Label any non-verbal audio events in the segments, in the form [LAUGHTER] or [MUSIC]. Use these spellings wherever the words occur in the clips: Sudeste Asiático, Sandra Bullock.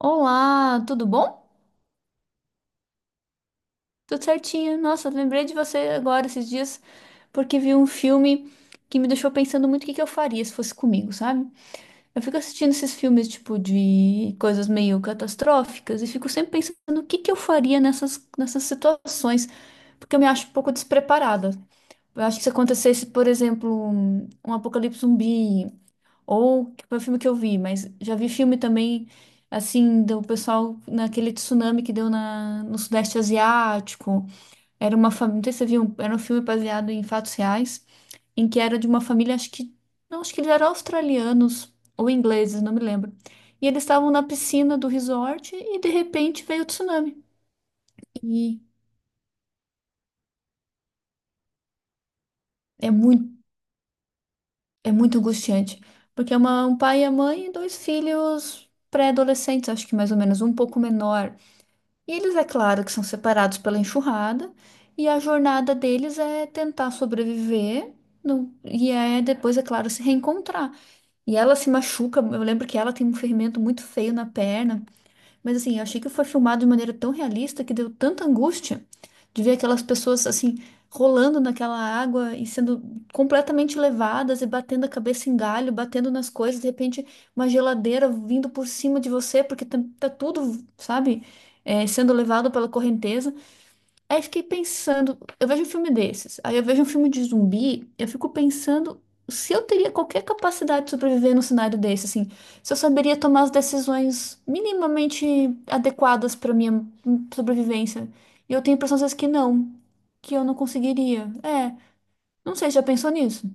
Olá, tudo bom? Tudo certinho. Nossa, lembrei de você agora esses dias porque vi um filme que me deixou pensando muito o que que eu faria se fosse comigo, sabe? Eu fico assistindo esses filmes tipo de coisas meio catastróficas e fico sempre pensando o que que eu faria nessas situações, porque eu me acho um pouco despreparada. Eu acho que se acontecesse, por exemplo, um apocalipse zumbi ou que foi o filme que eu vi, mas já vi filme também, assim, do pessoal naquele tsunami que deu no Sudeste Asiático. Era uma família, não sei se você viu, era um filme baseado em fatos reais, em que era de uma família, acho que, não, acho que eles eram australianos ou ingleses, não me lembro. E eles estavam na piscina do resort e de repente veio o tsunami. E é muito, é muito angustiante, porque é um pai e a mãe e dois filhos pré-adolescentes, acho que mais ou menos, um pouco menor. E eles, é claro, que são separados pela enxurrada, e a jornada deles é tentar sobreviver, e é depois, é claro, se reencontrar. E ela se machuca, eu lembro que ela tem um ferimento muito feio na perna. Mas assim, eu achei que foi filmado de maneira tão realista que deu tanta angústia de ver aquelas pessoas assim rolando naquela água e sendo completamente levadas e batendo a cabeça em galho, batendo nas coisas, de repente uma geladeira vindo por cima de você porque tá tudo, sabe, é, sendo levado pela correnteza. Aí fiquei pensando, eu vejo um filme desses, aí eu vejo um filme de zumbi, eu fico pensando se eu teria qualquer capacidade de sobreviver num cenário desse, assim, se eu saberia tomar as decisões minimamente adequadas para minha sobrevivência. E eu tenho a impressão às vezes que não, que eu não conseguiria. É, não sei, já pensou nisso?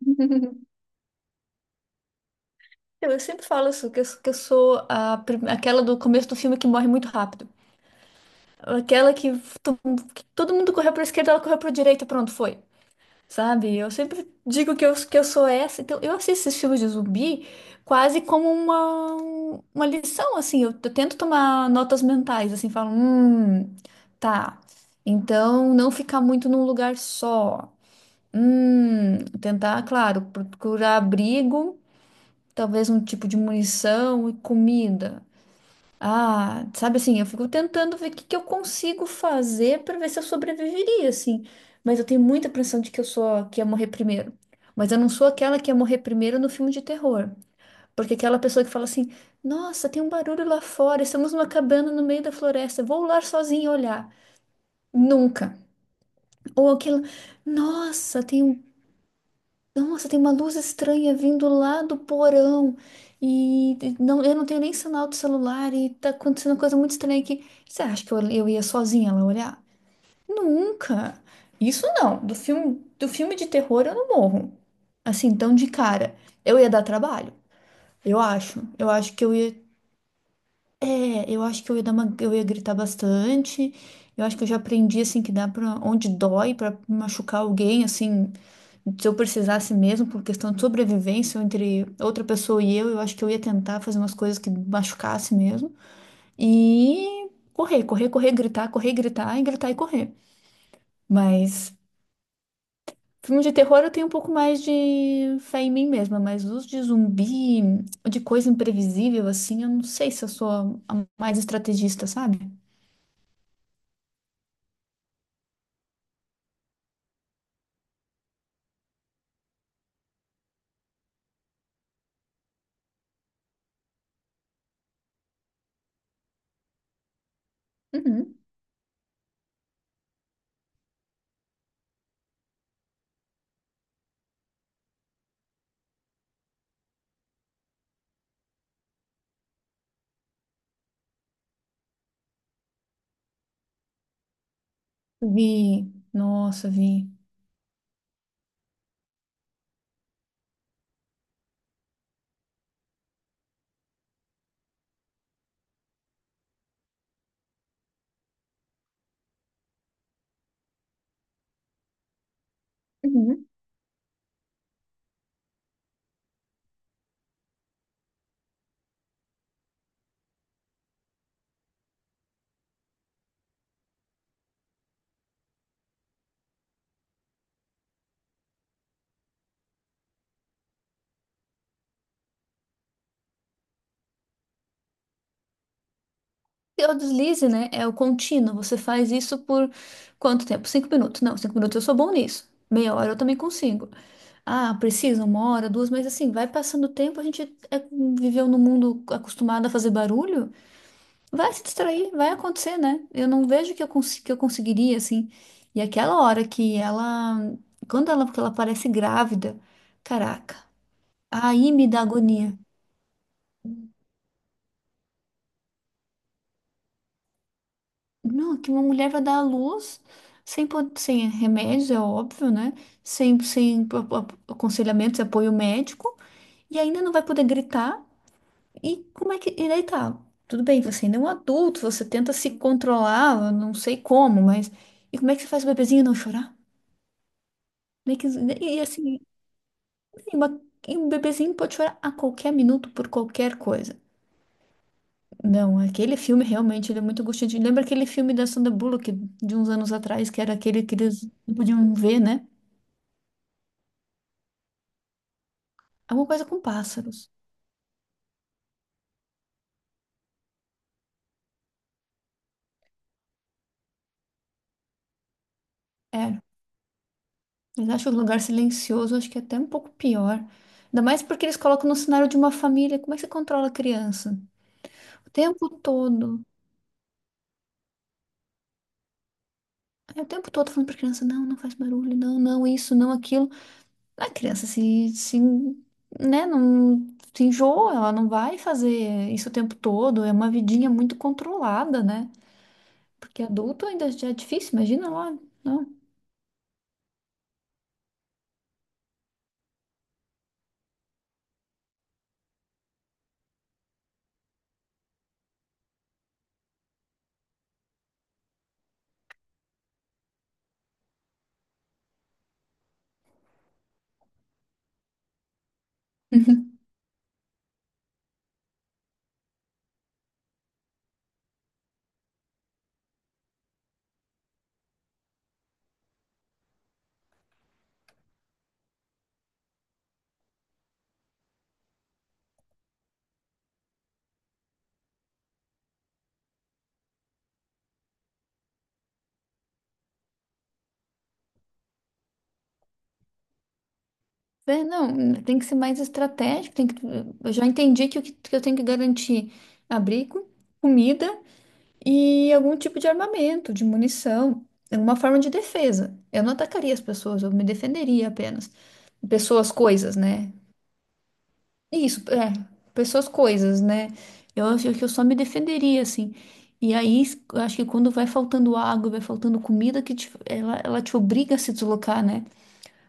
[LAUGHS] Eu sempre falo isso, que eu sou aquela do começo do filme que morre muito rápido. Aquela que, to- que todo mundo correu pra esquerda, ela correu pra direita, pronto, foi. Sabe? Eu sempre digo que eu sou essa. Então, eu assisto esses filmes de zumbi quase como uma lição, assim. Eu tento tomar notas mentais, assim, falo, tá. Então, não ficar muito num lugar só. Tentar, claro, procurar abrigo, talvez um tipo de munição e comida. Ah, sabe assim, eu fico tentando ver o que que eu consigo fazer para ver se eu sobreviveria, assim. Mas eu tenho muita impressão de que eu sou a que ia morrer primeiro. Mas eu não sou aquela que ia morrer primeiro no filme de terror. Porque aquela pessoa que fala assim: nossa, tem um barulho lá fora, estamos numa cabana no meio da floresta, vou lá sozinha olhar. Nunca. Ou aquela: Nossa, tem um nossa, tem uma luz estranha vindo lá do porão e não, eu não tenho nem sinal do celular e tá acontecendo uma coisa muito estranha aqui. Você acha que eu ia sozinha lá olhar? Nunca. Isso não. Do filme de terror eu não morro. Assim, tão de cara. Eu ia dar trabalho. Eu acho. Eu acho que eu ia é, eu acho que eu ia eu ia gritar bastante. Eu acho que eu já aprendi assim que dá para onde dói para machucar alguém, assim, se eu precisasse mesmo por questão de sobrevivência entre outra pessoa e eu acho que eu ia tentar fazer umas coisas que machucasse mesmo e correr, correr, correr, gritar e gritar e correr. Mas filme de terror eu tenho um pouco mais de fé em mim mesma, mas os de zumbi, de coisa imprevisível assim, eu não sei se eu sou a mais estrategista, sabe? Uhum. Vi, nossa, vi. Uhum. E o deslize, né? É o contínuo. Você faz isso por quanto tempo? 5 minutos. Não, 5 minutos eu sou bom nisso. Meia hora eu também consigo. Ah, precisa uma hora, duas, mas assim, vai passando o tempo, a gente é- viveu num mundo acostumado a fazer barulho, vai se distrair, vai acontecer, né? Eu não vejo que eu conseguiria, assim. E aquela hora que ela parece grávida, caraca, aí me dá agonia. Não, que uma mulher vai dar à luz sem remédios, é óbvio, né? Sem aconselhamentos, apoio médico, e ainda não vai poder gritar. E como é que. E daí tá? Tudo bem, você ainda é um adulto, você tenta se controlar, eu não sei como, mas. E como é que você faz o bebezinho não chorar? Como é que, e assim, e uma- e um bebezinho pode chorar a qualquer minuto por qualquer coisa. Não, aquele filme realmente ele é muito angustiante. Lembra aquele filme da Sandra Bullock de uns anos atrás, que era aquele que eles não podiam ver, né? Alguma coisa com pássaros. Era. Eles acham o lugar silencioso, acho que é até um pouco pior. Ainda mais porque eles colocam no cenário de uma família. Como é que você controla a criança? O tempo todo. É, o tempo todo falando pra criança, não, não faz barulho, não, não, isso, não, aquilo. A criança se, né, não se enjoa, ela não vai fazer isso o tempo todo. É uma vidinha muito controlada, né? Porque adulto ainda já é difícil, imagina lá. Não. [LAUGHS] É, não, tem que ser mais estratégico, tem que, eu já entendi que, o que, que eu tenho que garantir abrigo, comida e algum tipo de armamento, de munição, alguma forma de defesa. Eu não atacaria as pessoas, eu me defenderia apenas. Pessoas, coisas, né? Isso, é, pessoas, coisas, né? Eu acho que eu só me defenderia, assim. E aí, eu acho que quando vai faltando água, vai faltando comida, ela te obriga a se deslocar, né?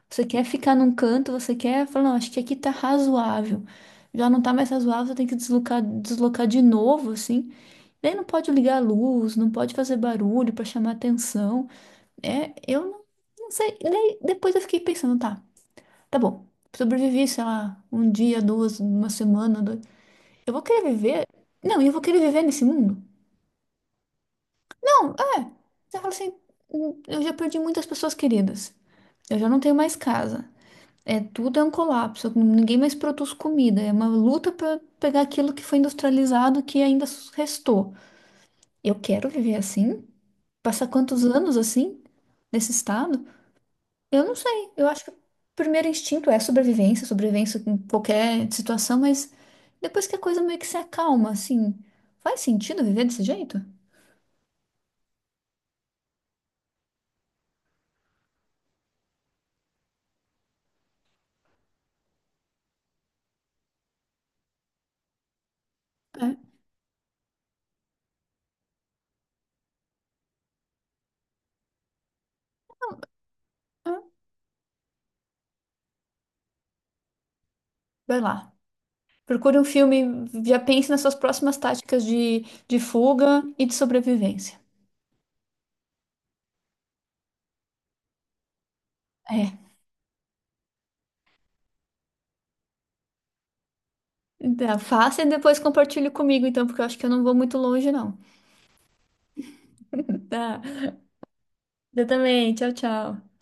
Você quer ficar num canto, você quer falar, não, acho que aqui tá razoável. Já não tá mais razoável, você tem que deslocar, deslocar de novo, assim. Daí não pode ligar a luz, não pode fazer barulho pra chamar atenção. É, eu não, não sei. Daí depois eu fiquei pensando, tá, tá bom. Sobrevivi, sei lá, um dia, duas, uma semana, dois. Eu vou querer viver? Não, e eu vou querer viver nesse mundo? Não, é. Você fala assim: eu já perdi muitas pessoas queridas. Eu já não tenho mais casa. É, tudo é um colapso. Ninguém mais produz comida. É uma luta para pegar aquilo que foi industrializado que ainda restou. Eu quero viver assim? Passar quantos anos assim? Nesse estado? Eu não sei. Eu acho que o primeiro instinto é sobrevivência, sobrevivência em qualquer situação, mas depois que a coisa meio que se acalma, assim, faz sentido viver desse jeito?" É, é. Vai lá. Procure um filme, já pense nas suas próximas táticas de fuga e de sobrevivência. É. Tá, faça e depois compartilhe comigo, então, porque eu acho que eu não vou muito longe, não. Tá. Eu também. Tchau, tchau.